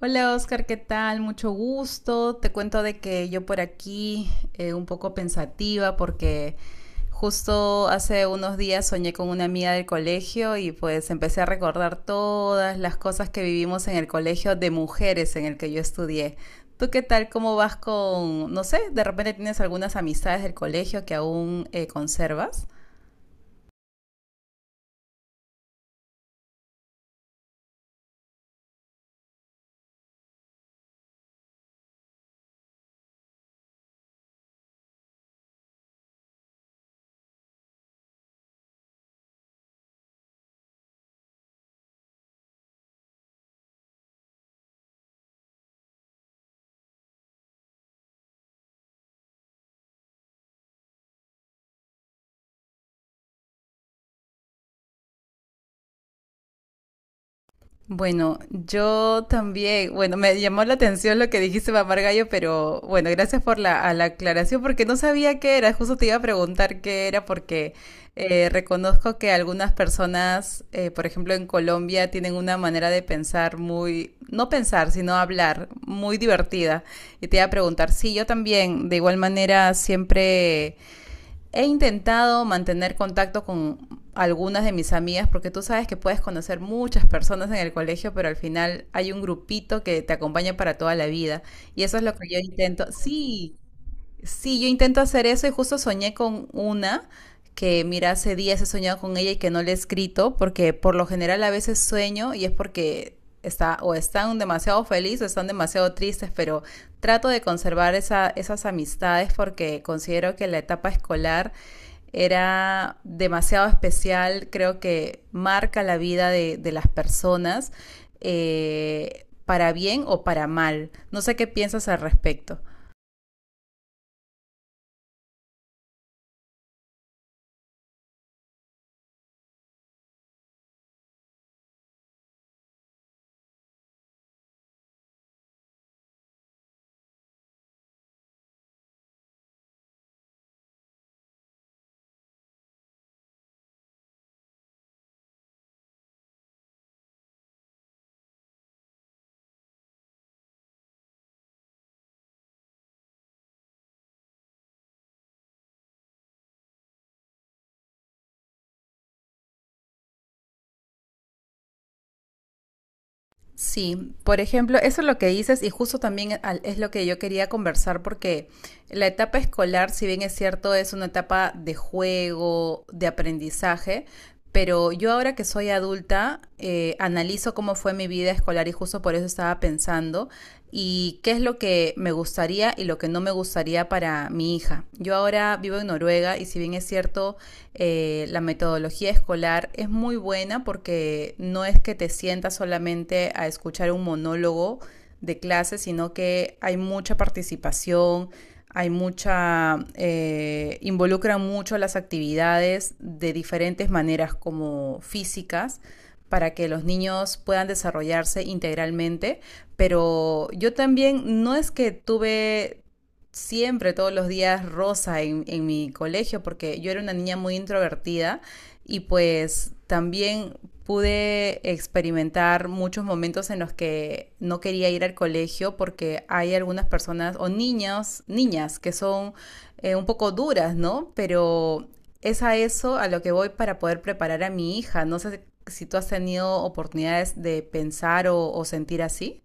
Hola Oscar, ¿qué tal? Mucho gusto. Te cuento de que yo por aquí un poco pensativa porque justo hace unos días soñé con una amiga del colegio y pues empecé a recordar todas las cosas que vivimos en el colegio de mujeres en el que yo estudié. ¿Tú qué tal? ¿Cómo vas con, no sé, de repente tienes algunas amistades del colegio que aún conservas? Bueno, yo también, bueno, me llamó la atención lo que dijiste, mamar gallo, pero bueno, gracias por la, a la aclaración porque no sabía qué era, justo te iba a preguntar qué era porque reconozco que algunas personas, por ejemplo en Colombia, tienen una manera de pensar muy, no pensar, sino hablar, muy divertida. Y te iba a preguntar, sí, yo también, de igual manera, siempre he intentado mantener contacto con algunas de mis amigas porque tú sabes que puedes conocer muchas personas en el colegio, pero al final hay un grupito que te acompaña para toda la vida y eso es lo que yo intento. Sí, sí, yo intento hacer eso y justo soñé con una que, mira, hace días he soñado con ella y que no le he escrito, porque por lo general a veces sueño y es porque está, o están demasiado felices o están demasiado tristes, pero trato de conservar esa- esas amistades porque considero que la etapa escolar era demasiado especial, creo que marca la vida de las personas, para bien o para mal. No sé qué piensas al respecto. Sí, por ejemplo, eso es lo que dices y justo también al- es lo que yo quería conversar porque la etapa escolar, si bien es cierto, es una etapa de juego, de aprendizaje, pero yo ahora que soy adulta, analizo cómo fue mi vida escolar y justo por eso estaba pensando y qué es lo que me gustaría y lo que no me gustaría para mi hija. Yo ahora vivo en Noruega y si bien es cierto, la metodología escolar es muy buena porque no es que te sientas solamente a escuchar un monólogo de clase, sino que hay mucha participación, hay mucha, involucra mucho las actividades de diferentes maneras como físicas para que los niños puedan desarrollarse integralmente, pero yo también no es que tuve siempre, todos los días rosa en mi colegio, porque yo era una niña muy introvertida y pues también pude experimentar muchos momentos en los que no quería ir al colegio porque hay algunas personas o niños, niñas que son un poco duras, ¿no? Pero es a eso a lo que voy para poder preparar a mi hija. No sé si tú has tenido oportunidades de pensar o sentir así.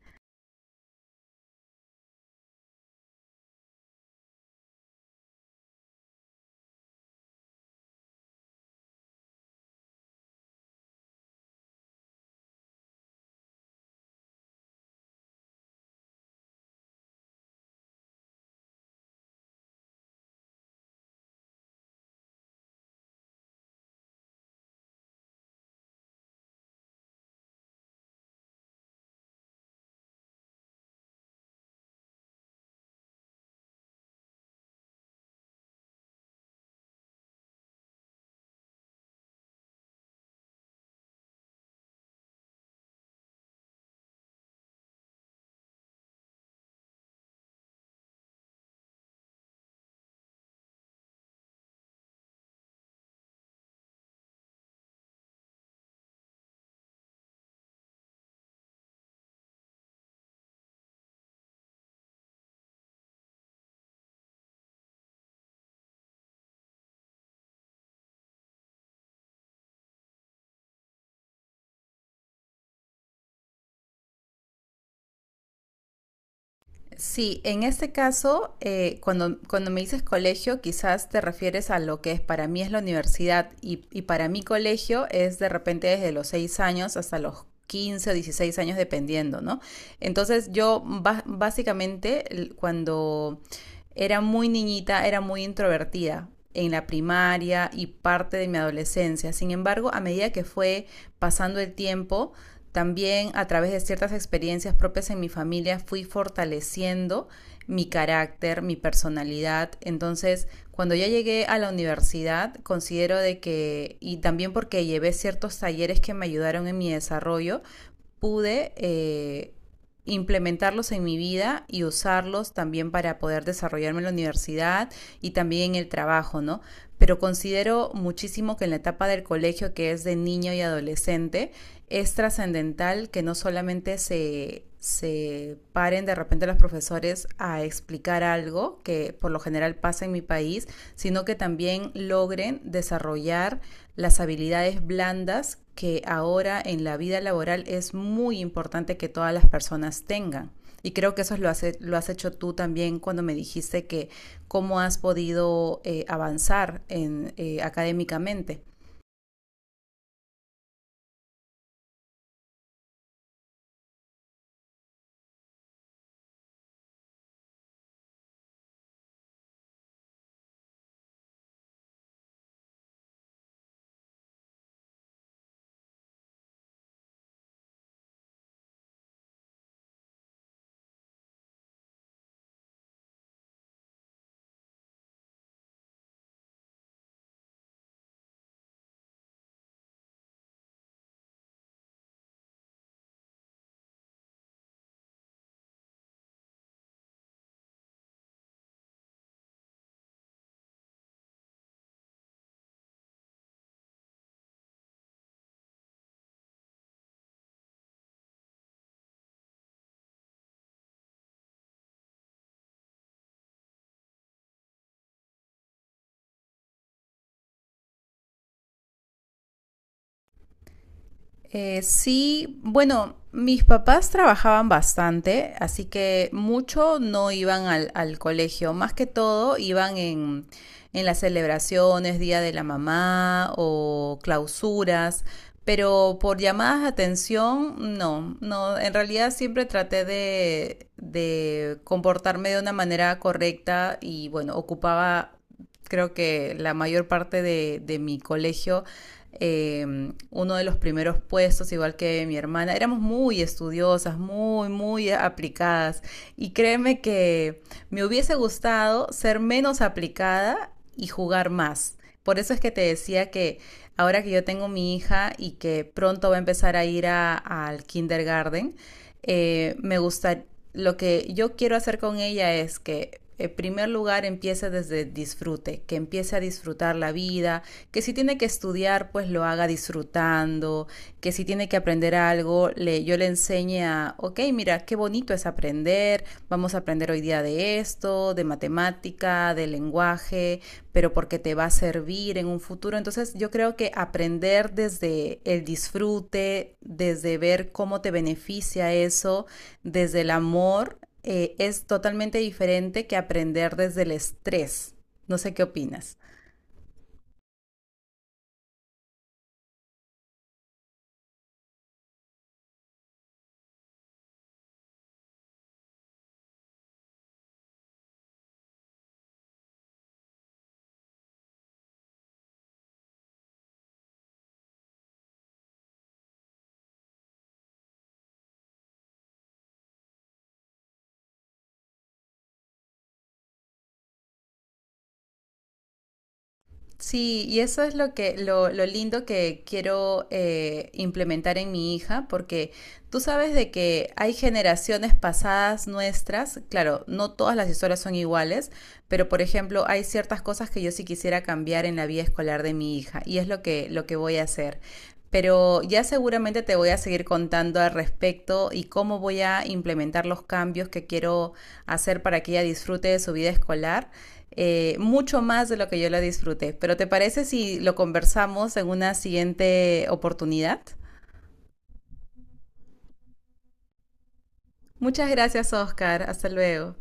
Sí, en este caso, cuando, cuando me dices colegio, quizás te refieres a lo que es, para mí es la universidad y para mi colegio es de repente desde los 6 años hasta los 15, o 16 años dependiendo, ¿no? Entonces yo ba- básicamente l- cuando era muy niñita, era muy introvertida en la primaria y parte de mi adolescencia. Sin embargo, a medida que fue pasando el tiempo, también a través de ciertas experiencias propias en mi familia fui fortaleciendo mi carácter, mi personalidad. Entonces, cuando yo llegué a la universidad, considero de que, y también porque llevé ciertos talleres que me ayudaron en mi desarrollo, pude implementarlos en mi vida y usarlos también para poder desarrollarme en la universidad y también en el trabajo, ¿no? Pero considero muchísimo que en la etapa del colegio, que es de niño y adolescente, es trascendental que no solamente se, se paren de repente los profesores a explicar algo, que por lo general pasa en mi país, sino que también logren desarrollar las habilidades blandas que ahora en la vida laboral es muy importante que todas las personas tengan. Y creo que eso lo, hace, lo has hecho tú también cuando me dijiste que cómo has podido avanzar en, académicamente. Sí, bueno, mis papás trabajaban bastante, así que mucho no iban al colegio, más que todo iban en las celebraciones, Día de la Mamá o clausuras, pero por llamadas de atención, no, no, en realidad siempre traté de comportarme de una manera correcta y bueno, ocupaba creo que la mayor parte de mi colegio, eh, uno de los primeros puestos, igual que mi hermana, éramos muy estudiosas, muy, muy aplicadas. Y créeme que me hubiese gustado ser menos aplicada y jugar más. Por eso es que te decía que ahora que yo tengo mi hija y que pronto va a empezar a ir a- al kindergarten, me gusta, lo que yo quiero hacer con ella es que en primer lugar empiece desde disfrute, que empiece a disfrutar la vida, que si tiene que estudiar, pues lo haga disfrutando, algo, que si tiene que aprender algo, le, yo le enseñe a, ok, mira, qué bonito es aprender, vamos a aprender hoy día de esto, de matemática, de lenguaje, pero porque te va a servir en un futuro. Entonces yo creo que aprender desde el disfrute, desde ver cómo te beneficia eso, desde el amor, es totalmente diferente que aprender desde el estrés. No sé qué opinas. Sí, y eso es lo que, lo lindo que quiero implementar en mi hija, porque tú sabes de que hay generaciones pasadas nuestras, claro, no todas las historias son iguales, pero por ejemplo, hay ciertas cosas que yo sí quisiera cambiar en la vida escolar de mi hija, y es lo que voy a hacer. Pero ya seguramente te voy a seguir contando al respecto y cómo voy a implementar los cambios que quiero hacer para que ella disfrute de su vida escolar mucho más de lo que yo lo disfruté. Pero ¿te parece si lo conversamos en una siguiente oportunidad? Muchas gracias, Oscar. Hasta luego.